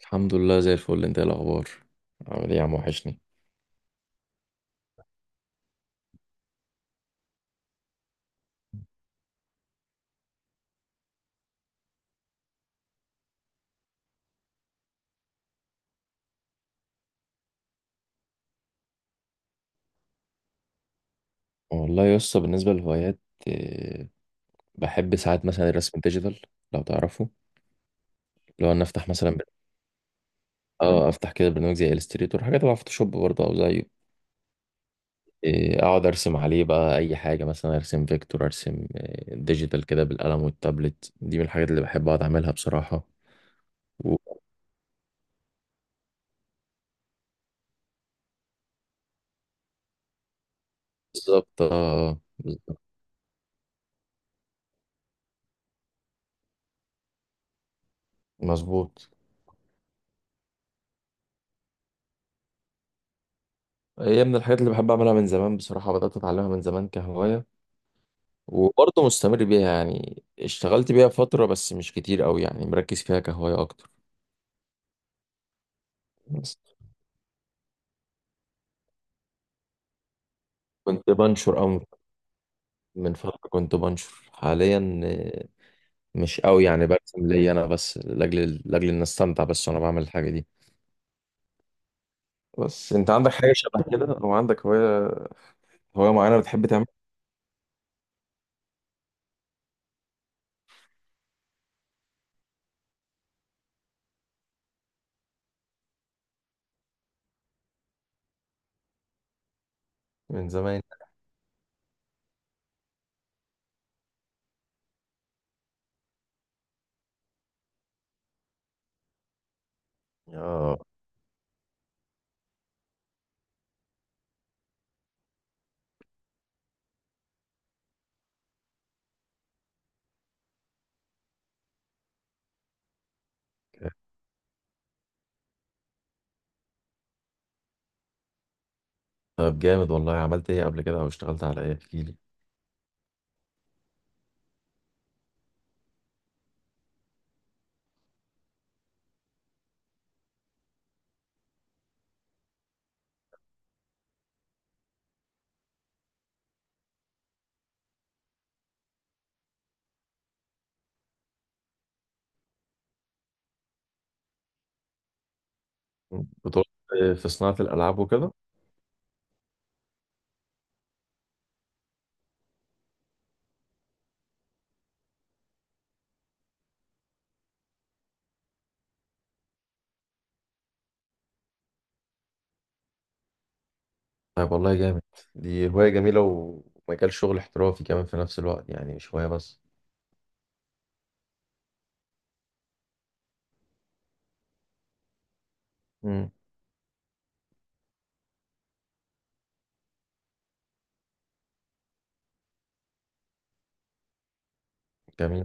الحمد لله زي الفل. انت ايه الاخبار؟ عامل ايه يا عم؟ وحشني. والله يا اسطى بالنسبه للهوايات، آه، بحب ساعات مثلا الرسم الديجيتال لو تعرفه. لو انا افتح مثلا بر- اه افتح كده برنامج زي الستريتور، حاجه تبع فوتوشوب برضه او زيه. اقعد ارسم عليه بقى اي حاجه، مثلا ارسم فيكتور، ارسم ديجيتال كده بالقلم والتابلت. دي من الحاجات اللي بحب اقعد اعملها بصراحه. و- بالظبط، اه بالظبط. مظبوط. هي من الحاجات اللي بحب اعملها من زمان بصراحه، بدات اتعلمها من زمان كهوايه وبرضه مستمر بيها. يعني اشتغلت بيها فترة بس مش كتير قوي، يعني مركز فيها كهواية أكتر. بس كنت بنشر أو من فترة كنت بنشر. حاليا مش قوي، يعني برسم ليا أنا بس لأجل لأجل إن أستمتع بس وأنا بعمل الحاجة دي. بس أنت عندك حاجة شبه كده أو عندك هواية، هواية معينة بتحب تعملها؟ من زمان. آه. أوكي. طب جامد والله. عملت إيه قبل كده أو اشتغلت على إيه؟ احكيلي. بطولة في صناعة الألعاب وكده؟ طيب والله جامد. دي هواية جميلة ومجال شغل احترافي كمان في نفس الوقت، يعني مش هواية بس. امم. جميل.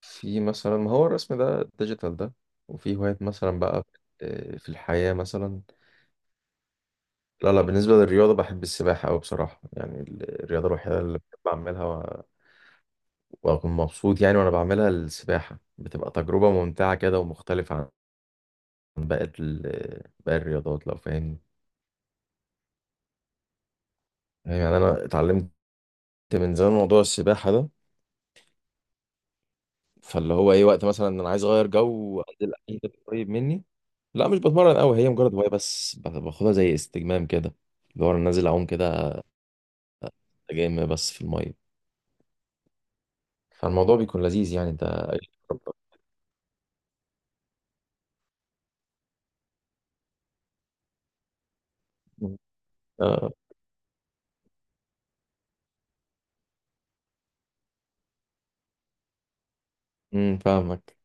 في مثلا، ما هو الرسم ده الديجيتال ده، وفي هوايات مثلا بقى في الحياة مثلا. لا لا، بالنسبة للرياضة بحب السباحة أوي بصراحة، يعني الرياضة الوحيدة اللي بحب أعملها وأكون مبسوط يعني وأنا بعملها. السباحة بتبقى تجربة ممتعة كده، ومختلفة عن باقي باقي الرياضات لو فاهمني. يعني أنا اتعلمت من زمان موضوع السباحة ده، فاللي هو ايه، وقت مثلا ان انا عايز اغير جو وانزل اي حتة قريب مني. لا مش بتمرن قوي، هي مجرد هوايه بس. باخدها زي استجمام كده، اللي هو انا نازل اعوم كده، جيم بس في الميه. فالموضوع بيكون لذيذ يعني. انت؟ اه. امم، فاهمك.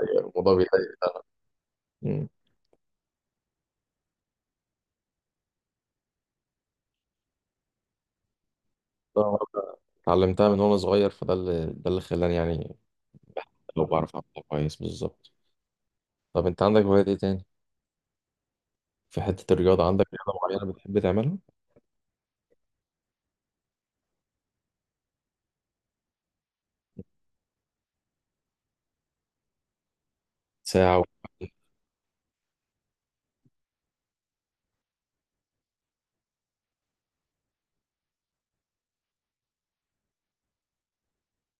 أيوة، الموضوع بيضايق. أمم. طبعاً اتعلمتها من وانا صغير، فده اللي خلاني يعني لو بعرف اعملها كويس بالظبط. طب انت عندك هوايات ايه تاني؟ في حته الرياضه، عندك رياضه معينه بتحب تعملها؟ ساعه و...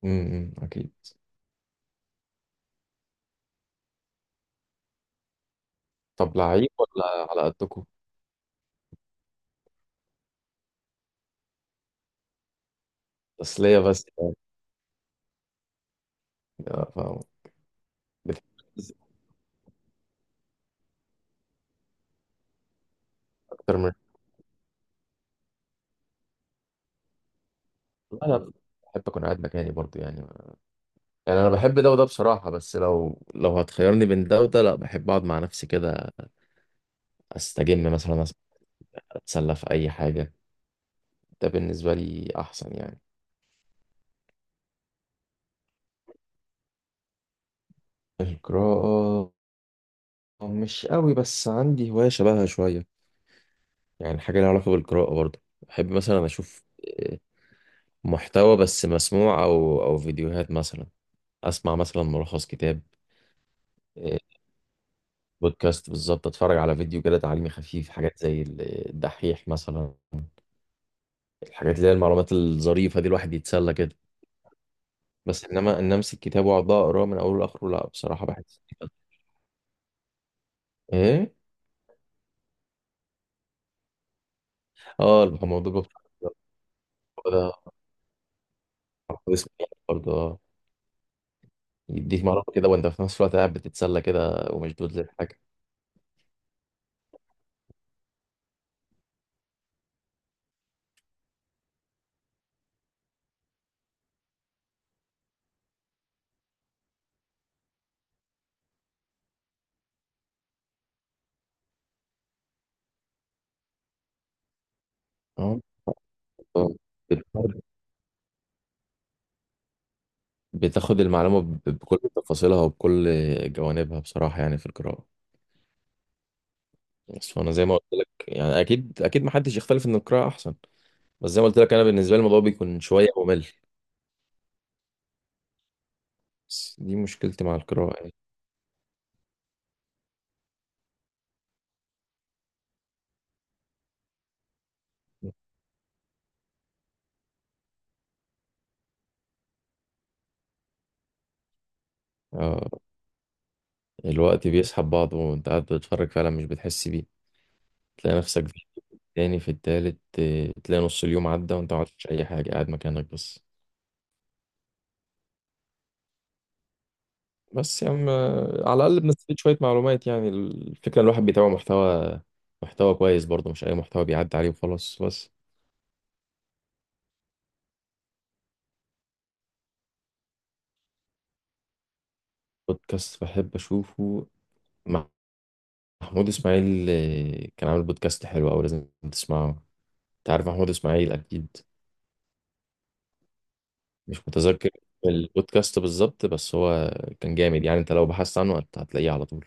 امم. أمم، اكيد. طب لعيب ولا على قدكم؟ تسلية بس يعني. فاهم. بتحب التسلية أكتر من... لا، أنا بحب أكون قاعد مكاني برضو يعني. يعني أنا بحب ده وده بصراحة، بس لو لو هتخيرني بين ده وده، لا بحب أقعد مع نفسي كده. أستجم مثلا، أتسلى في أي حاجة. ده بالنسبة لي أحسن يعني. القراءة مش قوي، بس عندي هواية شبهها شوية. يعني حاجة لها علاقة بالقراءة برضو، بحب مثلا أشوف آه، محتوى بس مسموع، أو فيديوهات مثلا. أسمع مثلا ملخص كتاب، آه، بودكاست بالظبط. اتفرج على فيديو كده تعليمي خفيف، حاجات زي الدحيح مثلا. الحاجات اللي هي المعلومات الظريفه دي الواحد يتسلى كده. بس انما ان امسك كتاب واقعد بقى اقراه من اوله لاخره، لا بصراحه بحس. ايه؟ اه الموضوع ده، ده اسمه إيه برضه؟ اه، يديك معلومه كده وانت في نفس الوقت قاعد بتتسلى كده ومشدود للحاجه. اه، بت- بتاخد المعلومه بكل تفاصيلها وبكل جوانبها بصراحه يعني في القراءه. بس وانا زي ما قلت لك، يعني اكيد اكيد ما حدش يختلف ان القراءه احسن، بس زي ما قلت لك انا بالنسبه لي الموضوع بيكون شويه ممل. بس دي مشكلتي مع القراءه يعني. آه، الوقت بيسحب بعضه وانت قاعد بتتفرج فعلا مش بتحس بيه. تلاقي نفسك في التاني، في التالت، تلاقي نص اليوم عدى وانت ما عملتش اي حاجه، قاعد مكانك بس. بس يا عم على الاقل بنستفيد شويه معلومات، يعني الفكره إن الواحد بيتابع محتوى، محتوى كويس برضه، مش اي محتوى بيعدي عليه وخلاص بس. بودكاست بحب اشوفه، محمود اسماعيل كان عامل بودكاست حلو، او لازم تسمعه. انت عارف محمود اسماعيل اكيد. مش متذكر البودكاست بالظبط، بس هو كان جامد يعني، انت لو بحثت عنه هتلاقيه على طول.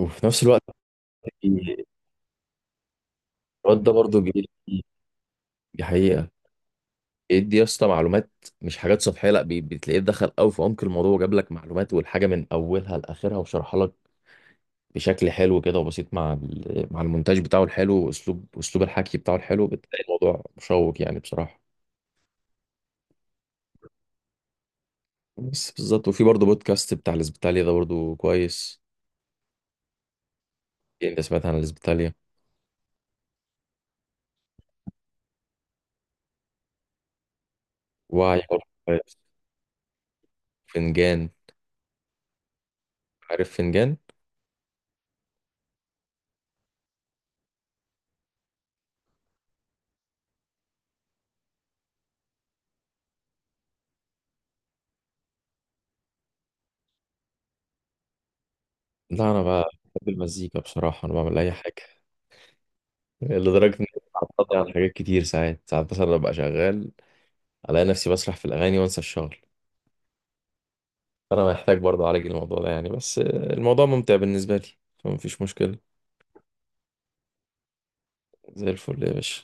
وفي نفس الوقت الواد ده برضه دي حقيقة، بيدي يا اسطى معلومات مش حاجات سطحية. لا، بتلاقيه دخل قوي في عمق الموضوع، وجاب لك معلومات والحاجة من أولها لآخرها وشرحها لك بشكل حلو كده وبسيط، مع مع المونتاج بتاعه الحلو، وأسلوب الحكي بتاعه الحلو، بتلاقي الموضوع مشوق يعني بصراحة. بس بالظبط. وفي برضه بودكاست بتاع الإسبيتاليا ده برضه كويس. إيه، أنت سمعت عن الإسبيتاليا؟ وعي برضه. فنجان. عارف فنجان. لا انا بقى بحب المزيكا بصراحه، انا بعمل اي حاجه لدرجه اني بتعطل على حاجات كتير. ساعات ساعات مثلا ببقى شغال، الاقي نفسي بسرح في الاغاني وانسى الشغل. فانا محتاج برضه اعالج الموضوع ده يعني، بس الموضوع ممتع بالنسبه لي فمفيش مشكله. زي الفل يا باشا.